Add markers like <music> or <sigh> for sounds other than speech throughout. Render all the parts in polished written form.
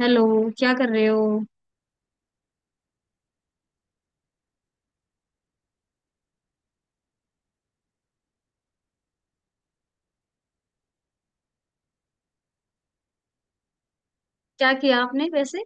Hello. क्या कर रहे हो? क्या किया आपने वैसे?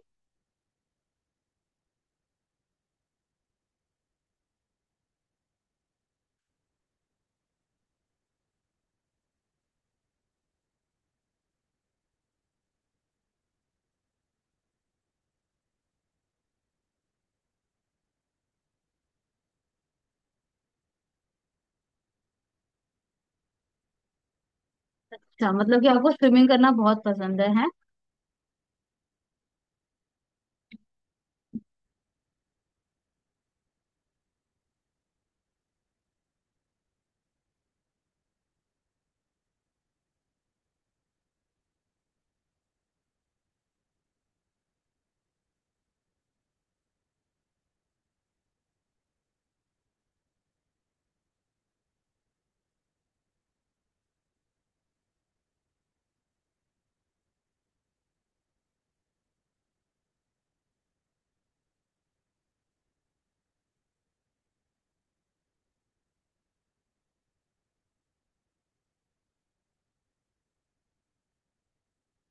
अच्छा, मतलब कि आपको स्विमिंग करना बहुत पसंद है, हैं?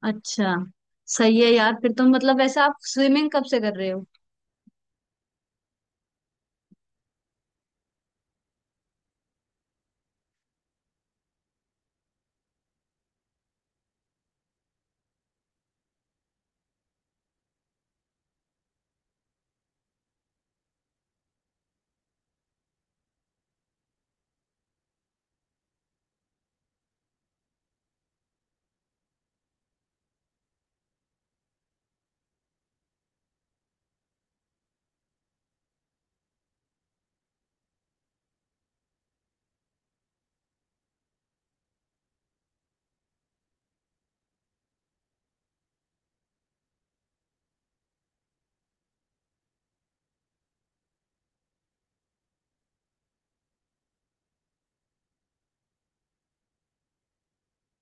अच्छा। सही है यार। फिर तो मतलब वैसे आप स्विमिंग कब से कर रहे हो?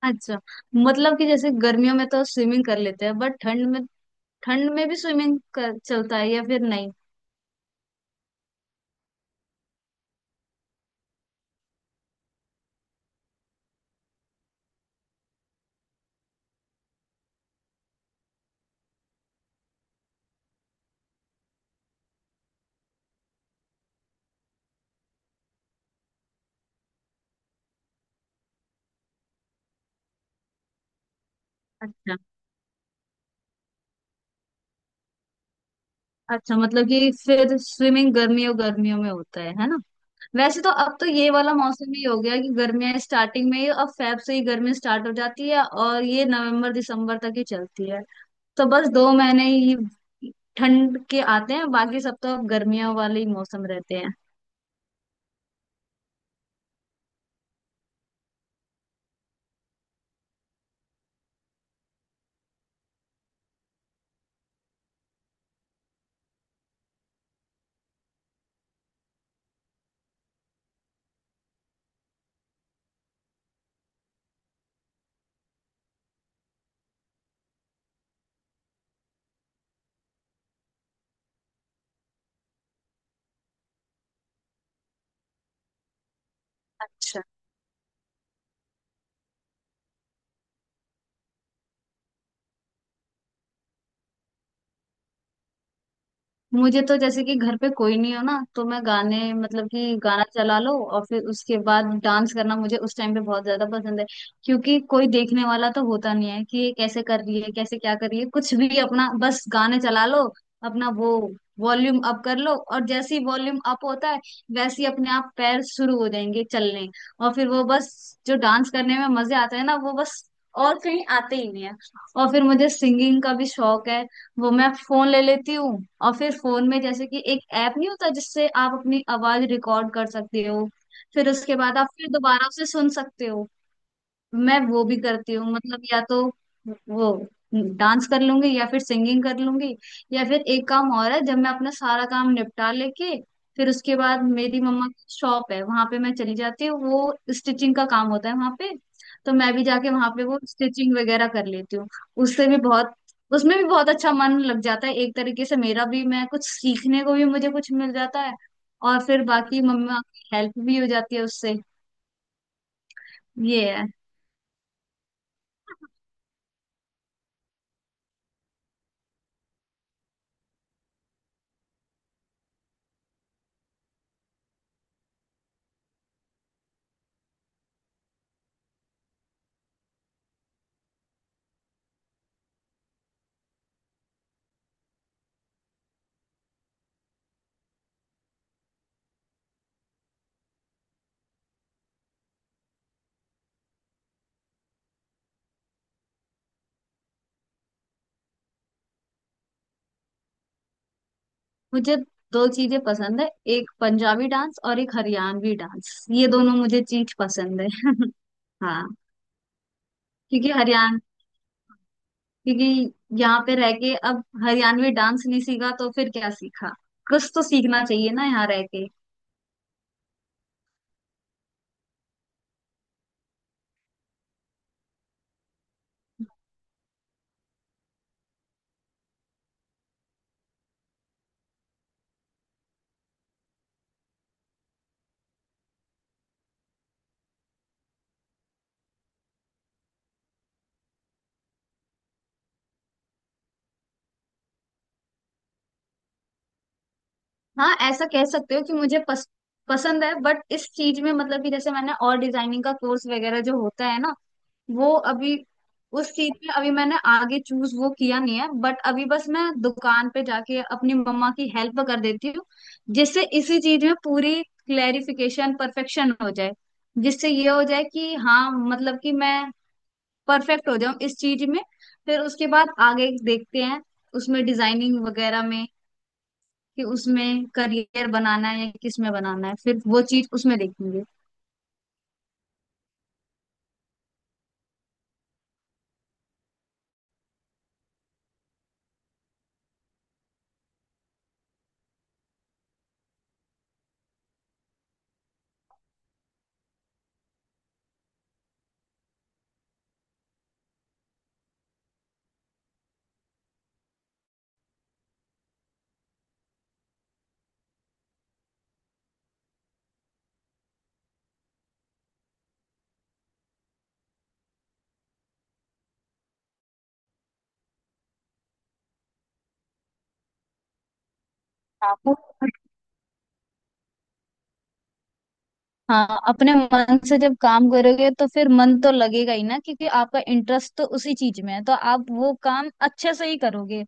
अच्छा, मतलब कि जैसे गर्मियों में तो स्विमिंग कर लेते हैं बट ठंड में, ठंड में भी चलता है या फिर नहीं? अच्छा। अच्छा मतलब कि फिर स्विमिंग गर्मियों गर्मियों में होता है ना? वैसे तो अब तो ये वाला मौसम ही हो गया कि गर्मियां स्टार्टिंग में ही, अब फेब से ही गर्मी स्टार्ट हो जाती है और ये नवंबर दिसंबर तक ही चलती है। तो बस दो महीने ही ठंड के आते हैं, बाकी सब तो अब गर्मियों वाले ही मौसम रहते हैं। अच्छा। मुझे तो जैसे कि घर पे कोई नहीं हो ना, तो मैं गाने, मतलब कि गाना चला लो और फिर उसके बाद डांस करना मुझे उस टाइम पे बहुत ज्यादा पसंद है। क्योंकि कोई देखने वाला तो होता नहीं है कि ये कैसे कर रही है, कैसे क्या कर रही है, कुछ भी अपना बस गाने चला लो, अपना वो वॉल्यूम अप कर लो और जैसे ही वॉल्यूम अप होता है, वैसे ही अपने आप पैर शुरू हो जाएंगे चलने। और फिर वो बस जो डांस करने में मजे आते हैं ना, वो बस और कहीं आते ही नहीं है। और फिर मुझे सिंगिंग का भी शौक है। वो मैं फोन ले लेती हूँ और फिर फोन में जैसे कि एक ऐप नहीं होता जिससे आप अपनी आवाज रिकॉर्ड कर सकते हो, फिर उसके बाद आप फिर दोबारा उसे सुन सकते हो। मैं वो भी करती हूँ। मतलब या तो वो डांस कर लूंगी या फिर सिंगिंग कर लूंगी। या फिर एक काम और है, जब मैं अपना सारा काम निपटा लेके, फिर उसके बाद मेरी मम्मा की शॉप है वहां पे मैं चली जाती हूँ, वो स्टिचिंग का काम होता है वहां पे, तो मैं भी जाके वहां पे वो स्टिचिंग वगैरह कर लेती हूँ। उससे भी बहुत, उसमें भी बहुत अच्छा मन लग जाता है एक तरीके से मेरा भी, मैं कुछ सीखने को भी मुझे कुछ मिल जाता है और फिर बाकी मम्मा की हेल्प भी हो जाती है उससे। ये है। मुझे दो चीजें पसंद है, एक पंजाबी डांस और एक हरियाणवी डांस, ये दोनों मुझे चीज पसंद है। <laughs> हाँ। क्योंकि हरियाण क्योंकि यहाँ पे रह के अब हरियाणवी डांस नहीं सीखा तो फिर क्या सीखा। कुछ तो सीखना चाहिए ना यहाँ रह के। हाँ, ऐसा कह सकते हो कि पसंद है बट इस चीज में, मतलब कि जैसे मैंने, और डिजाइनिंग का कोर्स वगैरह जो होता है ना, वो अभी, उस चीज में अभी मैंने आगे चूज वो किया नहीं है, बट अभी बस मैं दुकान पे जाके अपनी मम्मा की हेल्प कर देती हूँ, जिससे इसी चीज में पूरी क्लेरिफिकेशन परफेक्शन हो जाए, जिससे ये हो जाए कि हाँ मतलब कि मैं परफेक्ट हो जाऊं इस चीज में। फिर उसके बाद आगे देखते हैं, उसमें डिजाइनिंग वगैरह में, कि उसमें करियर बनाना है या किस में बनाना है, फिर वो चीज उसमें देखेंगे। हाँ। हाँ, अपने मन से जब काम करोगे तो फिर मन तो लगेगा ही ना, क्योंकि आपका इंटरेस्ट तो उसी चीज में है तो आप वो काम अच्छे से ही करोगे।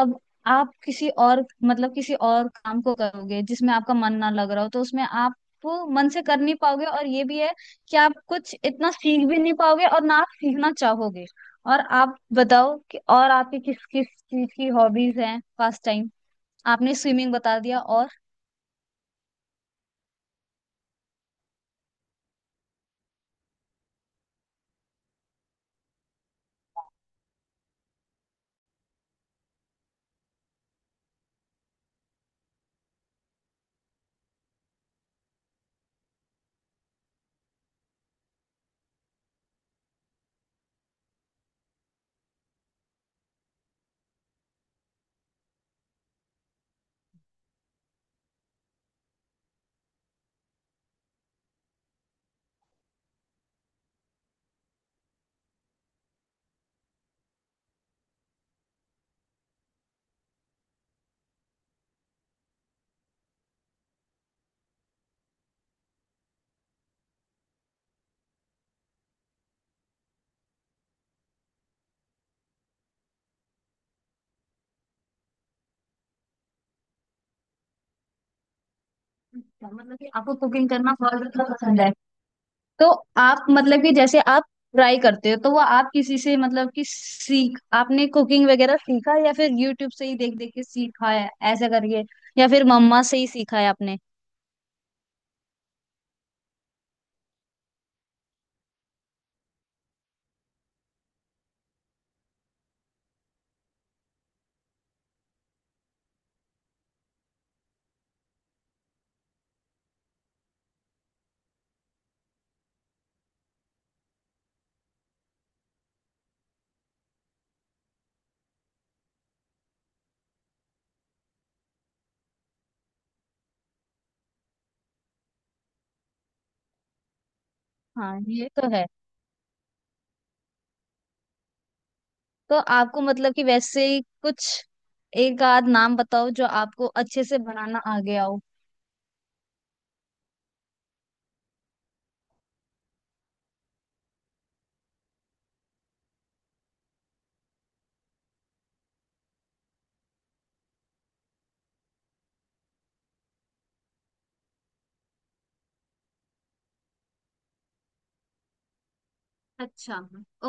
अब आप किसी और, मतलब किसी और काम को करोगे जिसमें आपका मन ना लग रहा हो, तो उसमें आप वो मन से कर नहीं पाओगे और ये भी है कि आप कुछ इतना सीख भी नहीं पाओगे और ना आप सीखना चाहोगे। और आप बताओ कि और आपकी किस किस चीज की हॉबीज हैं, पास टाइम? आपने स्विमिंग बता दिया और। मतलब कि आपको कुकिंग करना बहुत ज्यादा पसंद है। तो आप मतलब कि जैसे आप ट्राई करते हो, तो वो आप किसी से, मतलब कि सीख, आपने कुकिंग वगैरह सीखा या फिर यूट्यूब से ही देख देख के सीखा है ऐसा करके, या फिर मम्मा से ही सीखा है आपने? हाँ, ये तो है। तो आपको मतलब कि वैसे ही कुछ एक आध नाम बताओ जो आपको अच्छे से बनाना आ गया हो। अच्छा।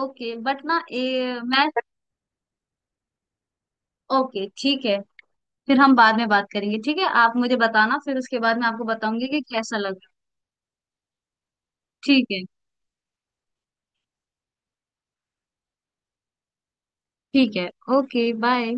ओके बट ना मैं, ओके, ठीक है, फिर हम बाद में बात करेंगे। ठीक है, आप मुझे बताना फिर उसके बाद मैं आपको बताऊंगी कि कैसा लगा। ठीक है। ठीक है। Okay, bye.